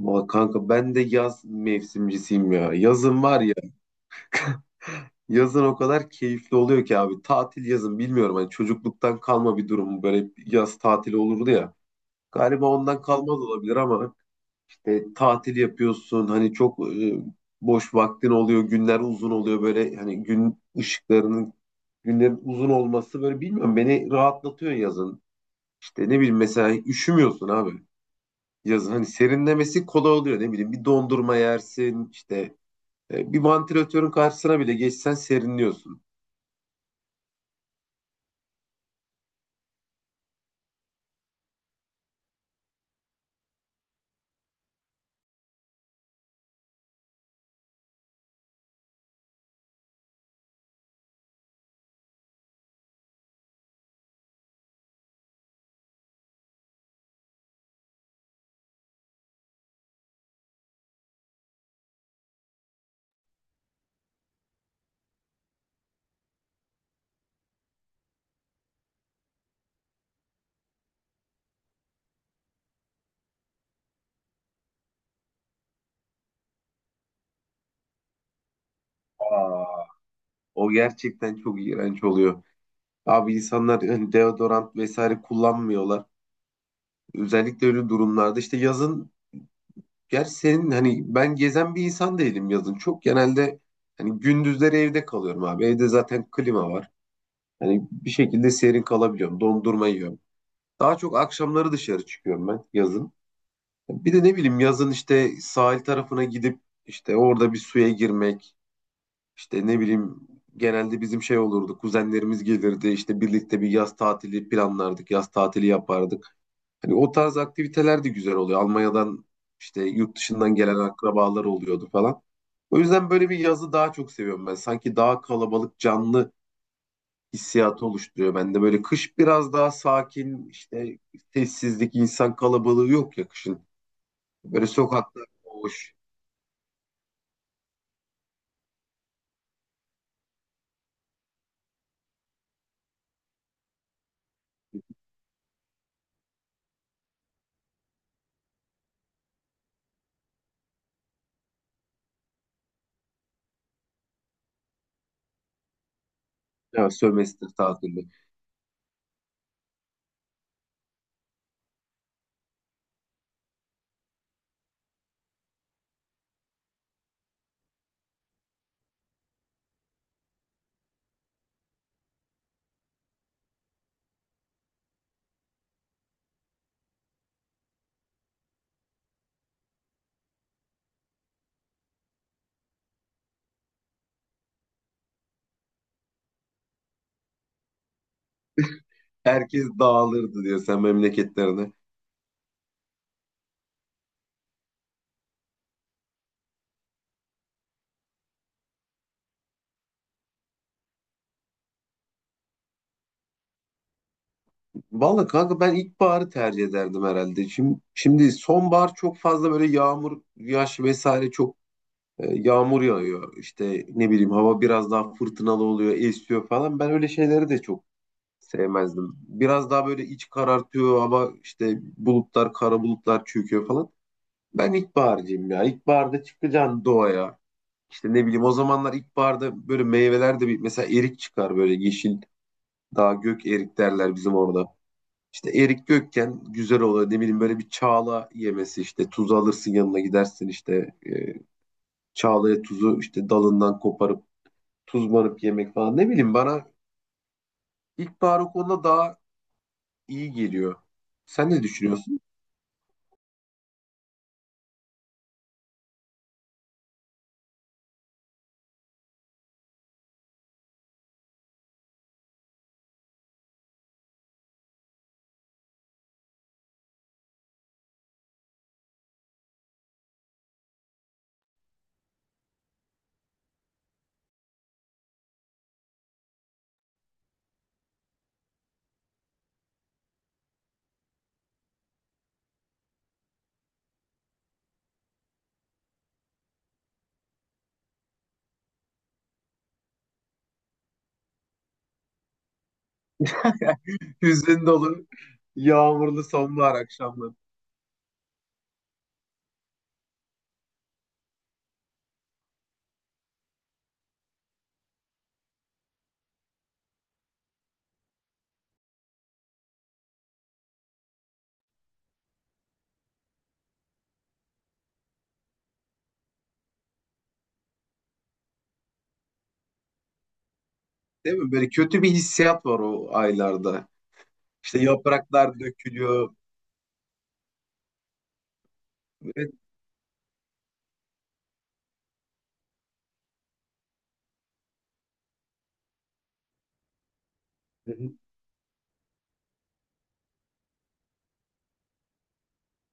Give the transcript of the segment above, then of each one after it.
Ama kanka ben de yaz mevsimcisiyim ya. Yazın var ya. Yazın o kadar keyifli oluyor ki abi. Tatil yazın bilmiyorum. Hani çocukluktan kalma bir durum. Böyle yaz tatili olurdu ya. Galiba ondan kalmaz olabilir ama işte tatil yapıyorsun. Hani çok boş vaktin oluyor. Günler uzun oluyor böyle. Hani gün ışıklarının günlerin uzun olması böyle bilmiyorum. Beni rahatlatıyor yazın. İşte ne bileyim mesela üşümüyorsun abi. Yazın hani serinlemesi kolay oluyor. Ne bileyim bir dondurma yersin işte. Bir vantilatörün karşısına bile geçsen serinliyorsun. Aa, o gerçekten çok iğrenç oluyor. Abi insanlar hani deodorant vesaire kullanmıyorlar. Özellikle öyle durumlarda işte yazın gerçi senin hani ben gezen bir insan değilim yazın. Çok genelde hani gündüzleri evde kalıyorum abi. Evde zaten klima var. Hani bir şekilde serin kalabiliyorum. Dondurma yiyorum. Daha çok akşamları dışarı çıkıyorum ben yazın. Bir de ne bileyim yazın işte sahil tarafına gidip işte orada bir suya girmek. İşte ne bileyim genelde bizim şey olurdu. Kuzenlerimiz gelirdi işte birlikte bir yaz tatili planlardık. Yaz tatili yapardık. Hani o tarz aktiviteler de güzel oluyor. Almanya'dan işte yurt dışından gelen akrabalar oluyordu falan. O yüzden böyle bir yazı daha çok seviyorum ben. Sanki daha kalabalık, canlı hissiyatı oluşturuyor bende. Böyle kış biraz daha sakin, işte sessizlik, insan kalabalığı yok ya kışın. Böyle sokaklar boş. Ya sömestr tatili. Herkes dağılırdı diyor sen memleketlerine. Vallahi kanka ben ilkbaharı tercih ederdim herhalde. Şimdi sonbahar çok fazla böyle yağmur, yaş vesaire çok yağmur yağıyor. İşte ne bileyim hava biraz daha fırtınalı oluyor, esiyor falan. Ben öyle şeyleri de çok sevmezdim. Biraz daha böyle iç karartıyor hava işte bulutlar, kara bulutlar çöküyor falan. Ben ilkbaharcıyım ya. İlkbaharda çıkacaksın doğaya. İşte ne bileyim o zamanlar ilkbaharda böyle meyveler de bir mesela erik çıkar böyle yeşil. Daha gök erik derler bizim orada. İşte Erik Gökçen güzel oluyor. Ne bileyim böyle bir çağla yemesi işte tuzu alırsın yanına gidersin işte çağlaya tuzu işte dalından koparıp tuzlanıp yemek falan. Ne bileyim bana ilkbahar o konuda daha iyi geliyor. Sen ne düşünüyorsun? Hüzün dolu yağmurlu sonbahar akşamları. Değil mi? Böyle kötü bir hissiyat var o aylarda. İşte yapraklar dökülüyor. Evet.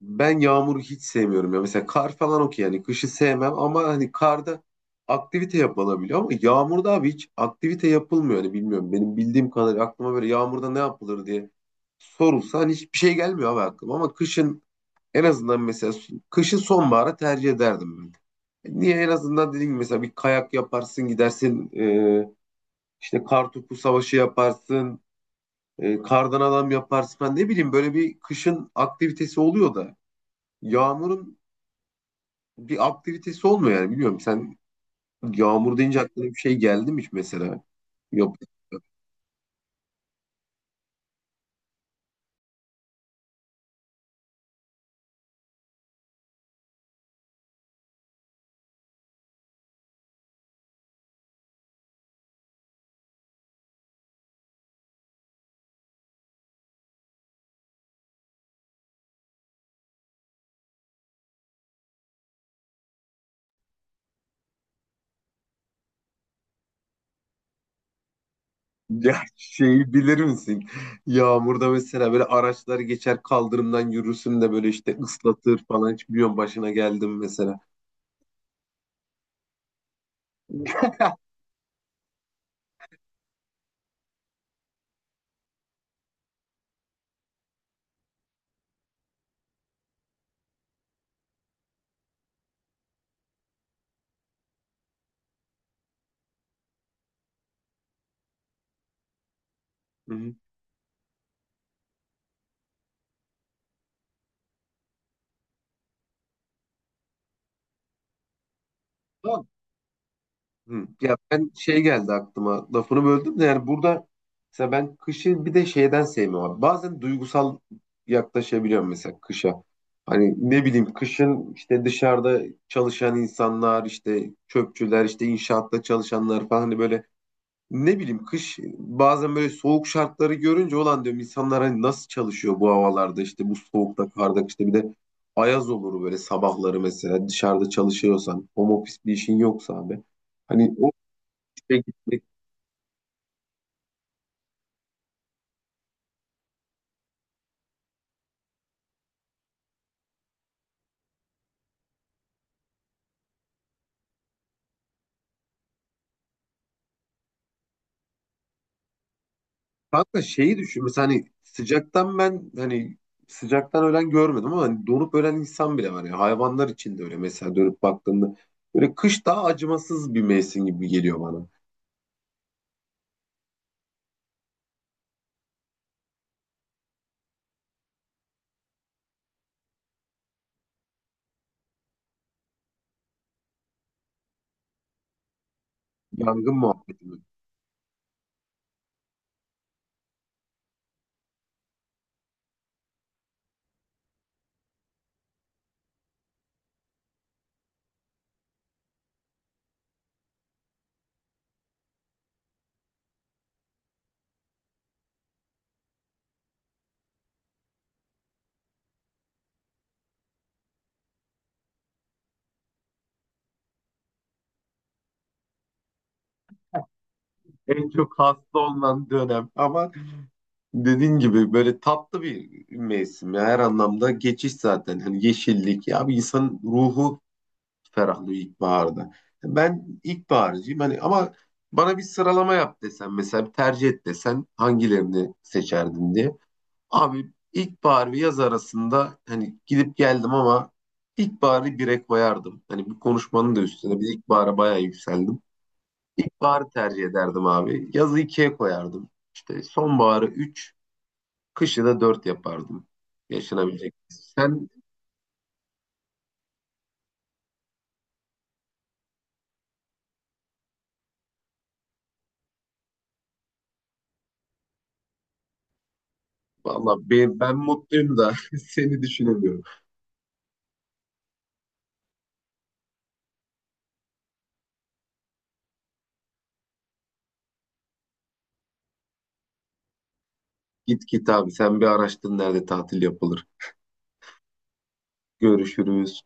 Ben yağmuru hiç sevmiyorum ya. Mesela kar falan okey yani kışı sevmem ama hani karda aktivite yapılabiliyor ama yağmurda abi hiç aktivite yapılmıyor. Hani bilmiyorum benim bildiğim kadarıyla aklıma böyle yağmurda ne yapılır diye sorulsa hani hiçbir şey gelmiyor abi aklıma ama kışın en azından mesela kışın sonbahara tercih ederdim ben. Niye en azından dediğim gibi mesela bir kayak yaparsın gidersin işte kar topu savaşı yaparsın kardan adam yaparsın ben ne bileyim böyle bir kışın aktivitesi oluyor da. Yağmurun bir aktivitesi olmuyor yani biliyorum. Sen yağmur deyince aklına bir şey geldi mi hiç mesela? Yok. Ya şeyi bilir misin? Yağmurda mesela böyle araçlar geçer kaldırımdan yürürsün de böyle işte ıslatır falan. Hiç biliyorum başına geldim mesela. Hı hı. Hı. Ya ben şey geldi aklıma lafını böldüm de yani burada mesela ben kışı bir de şeyden sevmiyorum. Bazen duygusal yaklaşabiliyorum mesela kışa. Hani ne bileyim kışın işte dışarıda çalışan insanlar işte çöpçüler işte inşaatta çalışanlar falan hani böyle ne bileyim kış bazen böyle soğuk şartları görünce olan diyorum insanlar hani nasıl çalışıyor bu havalarda işte bu soğukta karda işte bir de ayaz olur böyle sabahları mesela dışarıda çalışıyorsan home office bir işin yoksa abi. Hani peki, peki. Kanka şeyi düşün. Mesela hani sıcaktan ben hani sıcaktan ölen görmedim ama hani donup ölen insan bile var. Ya hayvanlar için de öyle mesela dönüp baktığında. Böyle kış daha acımasız bir mevsim gibi geliyor bana. Yangın muhabbeti. En çok hasta olunan dönem. Ama dediğin gibi böyle tatlı bir mevsim. Ya her anlamda geçiş zaten. Hani yeşillik. Ya bir insanın ruhu ferahlıyor ilkbaharda. Ben ilkbaharcıyım hani ama bana bir sıralama yap desen mesela bir tercih et desen hangilerini seçerdin diye. Abi ilkbahar ve yaz arasında hani gidip geldim ama ilkbaharı bire koyardım. Hani bu konuşmanın da üstüne bir ilkbahara bayağı yükseldim. İlkbaharı tercih ederdim abi. Yazı ikiye koyardım. İşte sonbaharı üç, kışı da dört yapardım. Yaşanabilecek. Sen valla ben mutluyum da seni düşünemiyorum. Git git abi sen bir araştır nerede tatil yapılır. Görüşürüz.